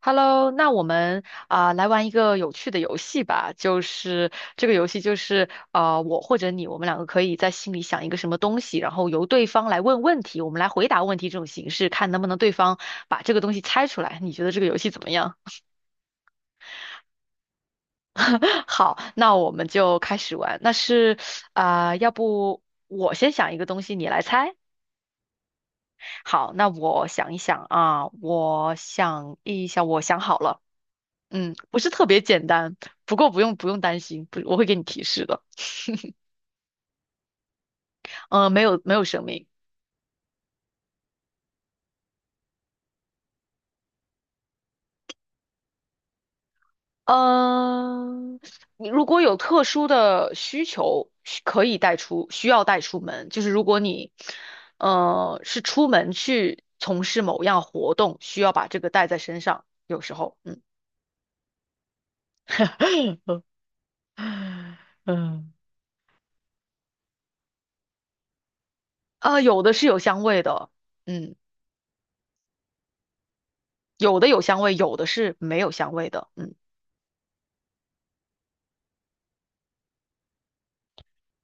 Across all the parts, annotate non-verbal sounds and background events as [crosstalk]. Hello，那我们啊、来玩一个有趣的游戏吧，就是这个游戏就是我或者你，我们两个可以在心里想一个什么东西，然后由对方来问问题，我们来回答问题这种形式，看能不能对方把这个东西猜出来。你觉得这个游戏怎么样？[laughs] 好，那我们就开始玩。那是啊、要不我先想一个东西，你来猜。好，那我想一想啊，我想一想，我想好了。嗯，不是特别简单，不过不用不用担心，不，我会给你提示的。没有没有生命。嗯、你如果有特殊的需求，需要带出门，就是如果你，是出门去从事某样活动，需要把这个带在身上，有时候，嗯，[laughs] 嗯，啊、有的是有香味的，嗯，有的有香味，有的是没有香味的，嗯。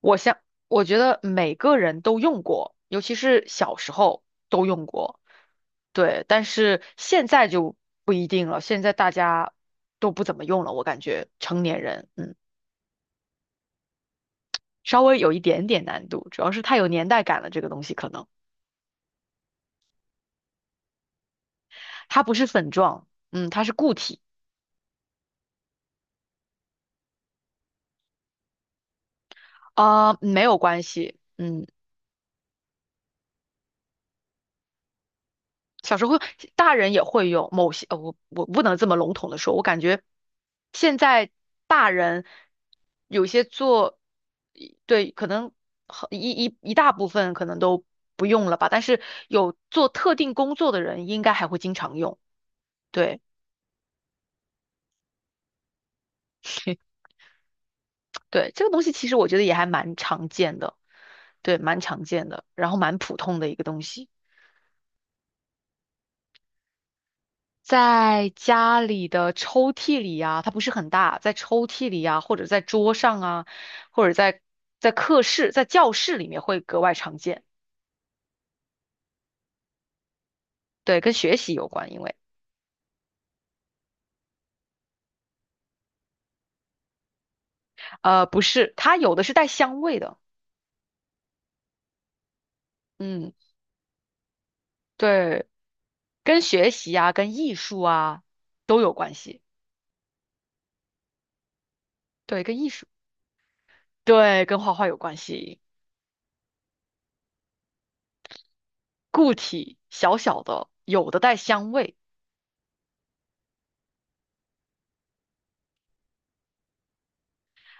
我想，我觉得每个人都用过，尤其是小时候都用过，对。但是现在就不一定了，现在大家都不怎么用了，我感觉成年人，嗯，稍微有一点点难度，主要是太有年代感了，这个东西可能它不是粉状，嗯，它是固体，啊、没有关系，嗯。小时候会大人也会有某些，我不能这么笼统的说，我感觉现在大人有些做，对，可能很一大部分可能都不用了吧，但是有做特定工作的人应该还会经常用。对 [laughs] 对，这个东西其实我觉得也还蛮常见的，对，蛮常见的，然后蛮普通的一个东西。在家里的抽屉里呀，它不是很大，在抽屉里呀，或者在桌上啊，或者在课室、在教室里面会格外常见。对，跟学习有关，因为不是，它有的是带香味的，嗯，对，跟学习啊、跟艺术啊都有关系，对，跟艺术，对，跟画画有关系。固体小小的，有的带香味。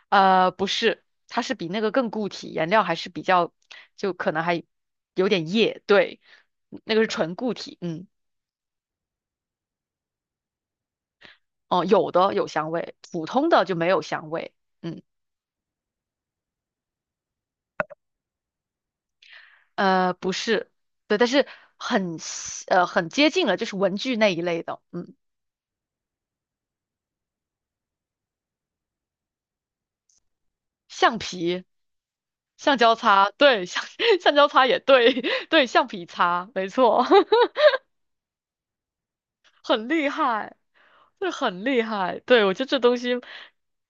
不是，它是比那个更固体，颜料还是比较，就可能还有点液，对，那个是纯固体，嗯，哦，有的有香味，普通的就没有香味，嗯，不是，对，但是很很接近了，就是文具那一类的，嗯，橡皮、橡胶擦，对，[laughs] 橡胶擦也对，[laughs] 对，橡皮擦，没错，[laughs] 很厉害，这很厉害。对，我觉得这东西，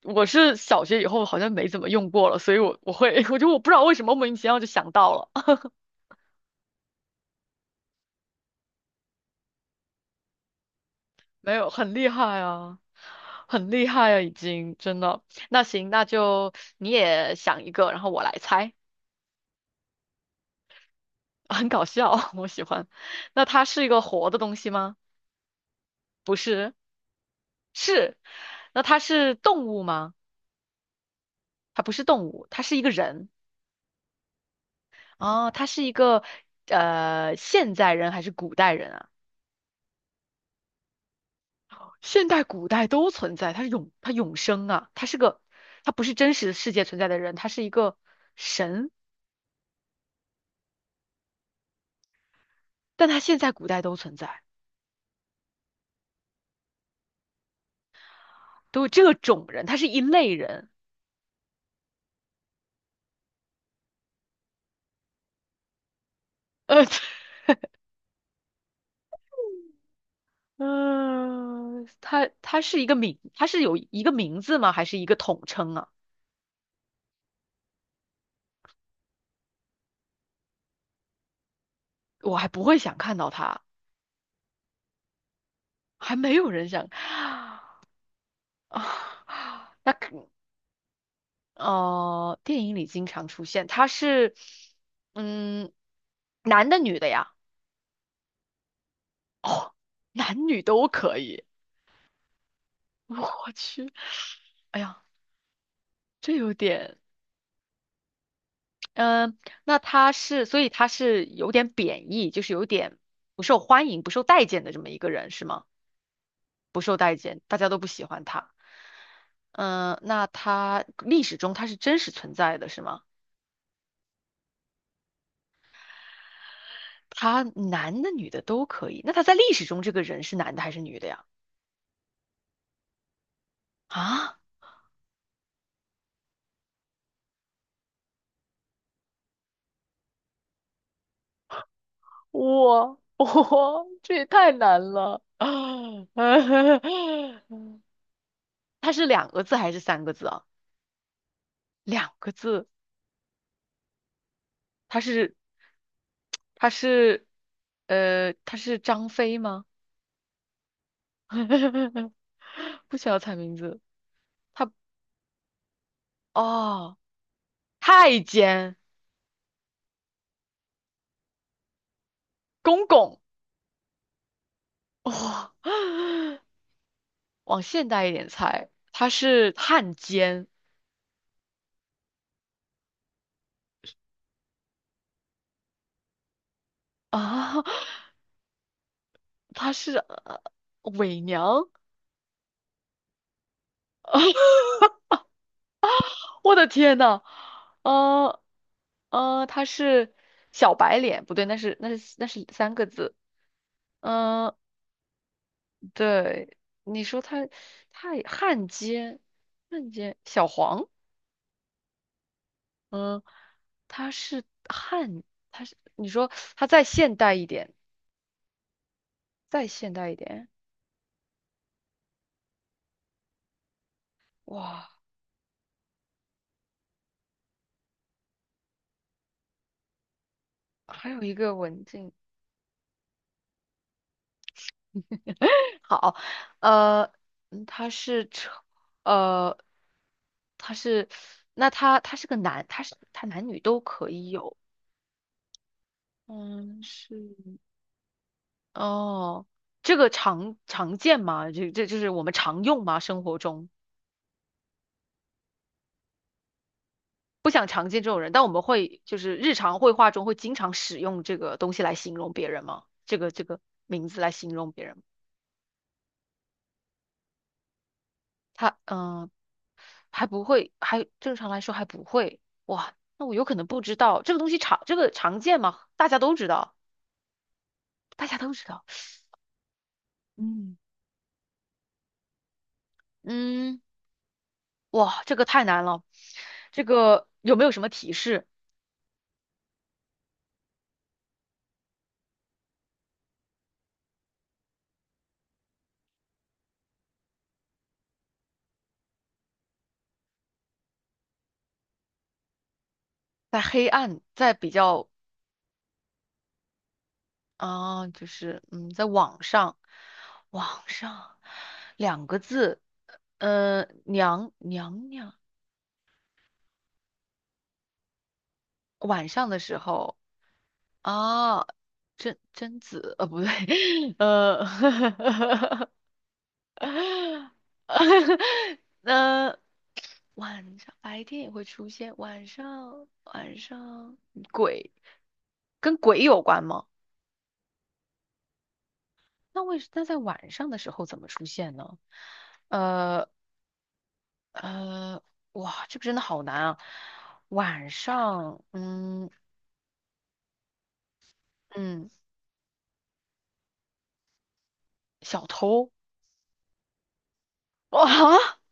我是小学以后好像没怎么用过了，所以我会，[laughs] 我不知道为什么莫名其妙就想到了，[laughs] 没有，很厉害啊，很厉害啊，已经真的。那行，那就你也想一个，然后我来猜，[laughs] 很搞笑，[laughs] 我喜欢。那它是一个活的东西吗？不是，是。那它是动物吗？它不是动物，它是一个人。哦，他是一个现代人还是古代人啊？现代、古代都存在，他永生啊，他不是真实世界存在的人，他是一个神，但他现在、古代都存在，都有这种人，他是一类人。呃，嗯、他是一个名，他是有一个名字吗？还是一个统称啊？我还不会想看到他，还没有人想 [sighs] 啊。那可。电影里经常出现，他是，嗯，男的女的呀？哦，男女都可以。我去，哎呀，这有点，嗯、那他是，所以他是有点贬义，就是有点不受欢迎、不受待见的这么一个人，是吗？不受待见，大家都不喜欢他。嗯、那他历史中他是真实存在的，是吗？他男的、女的都可以。那他在历史中这个人是男的还是女的呀？啊？哇 [laughs] 我这也太难了。[laughs] 它是两个字还是三个字啊？两个字，它是它是它是张飞吗？[laughs] 不需要猜名字，他哦，太监公公哇、往现代一点猜，他是汉奸 [laughs] 啊，他是、伪娘。我的天呐，呃他是小白脸，不对，那是三个字。嗯、对，你说他也汉奸，汉奸小黄，嗯、他是汉，你说他再现代一点，再现代一点，哇，还有一个文静。好，呃，嗯他是成呃，他是，那他是个男，他男女都可以有，嗯，是，哦，这个常见吗？这就是我们常用吗？生活中不想常见这种人，但我们会就是日常会话中会经常使用这个东西来形容别人吗？这个名字来形容别人，他嗯、呃还不会，正常来说还不会。哇，那我有可能不知道这个东西常这个常见吗？大家都知道，大家都知道。嗯嗯，哇，这个太难了。这个有没有什么提示？在黑暗，在比较啊、就是在网上，网上两个字，娘，晚上的时候啊，贞子，不对，[laughs] 呃。[laughs] [laughs] 那晚上白天也会出现，晚上鬼跟鬼有关吗？那为什那在晚上的时候怎么出现呢？呃呃，哇，这个真的好难啊！晚上，嗯嗯，小偷哇 [laughs]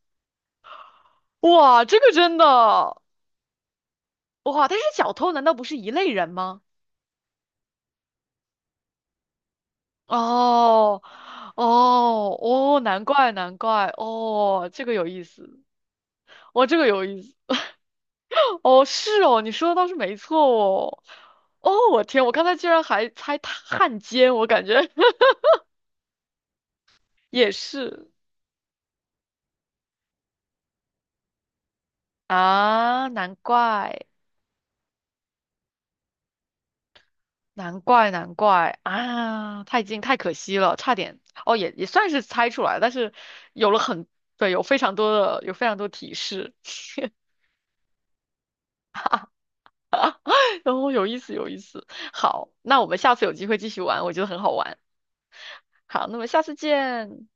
哇，这个真的哇，但是小偷难道不是一类人吗？哦，哦，哦，难怪，难怪，哦，这个有意思，哦，这个有意思，哦，是哦，你说的倒是没错哦，哦，我天，我刚才居然还猜他汉奸，我感觉 [laughs] 也是啊，难怪，难怪，难怪啊，太近，太可惜了，差点，哦，也算是猜出来，但是有了很，对，有非常多提示，[laughs] 哦，有意思，有意思。好，那我们下次有机会继续玩，我觉得很好玩。好，那么下次见。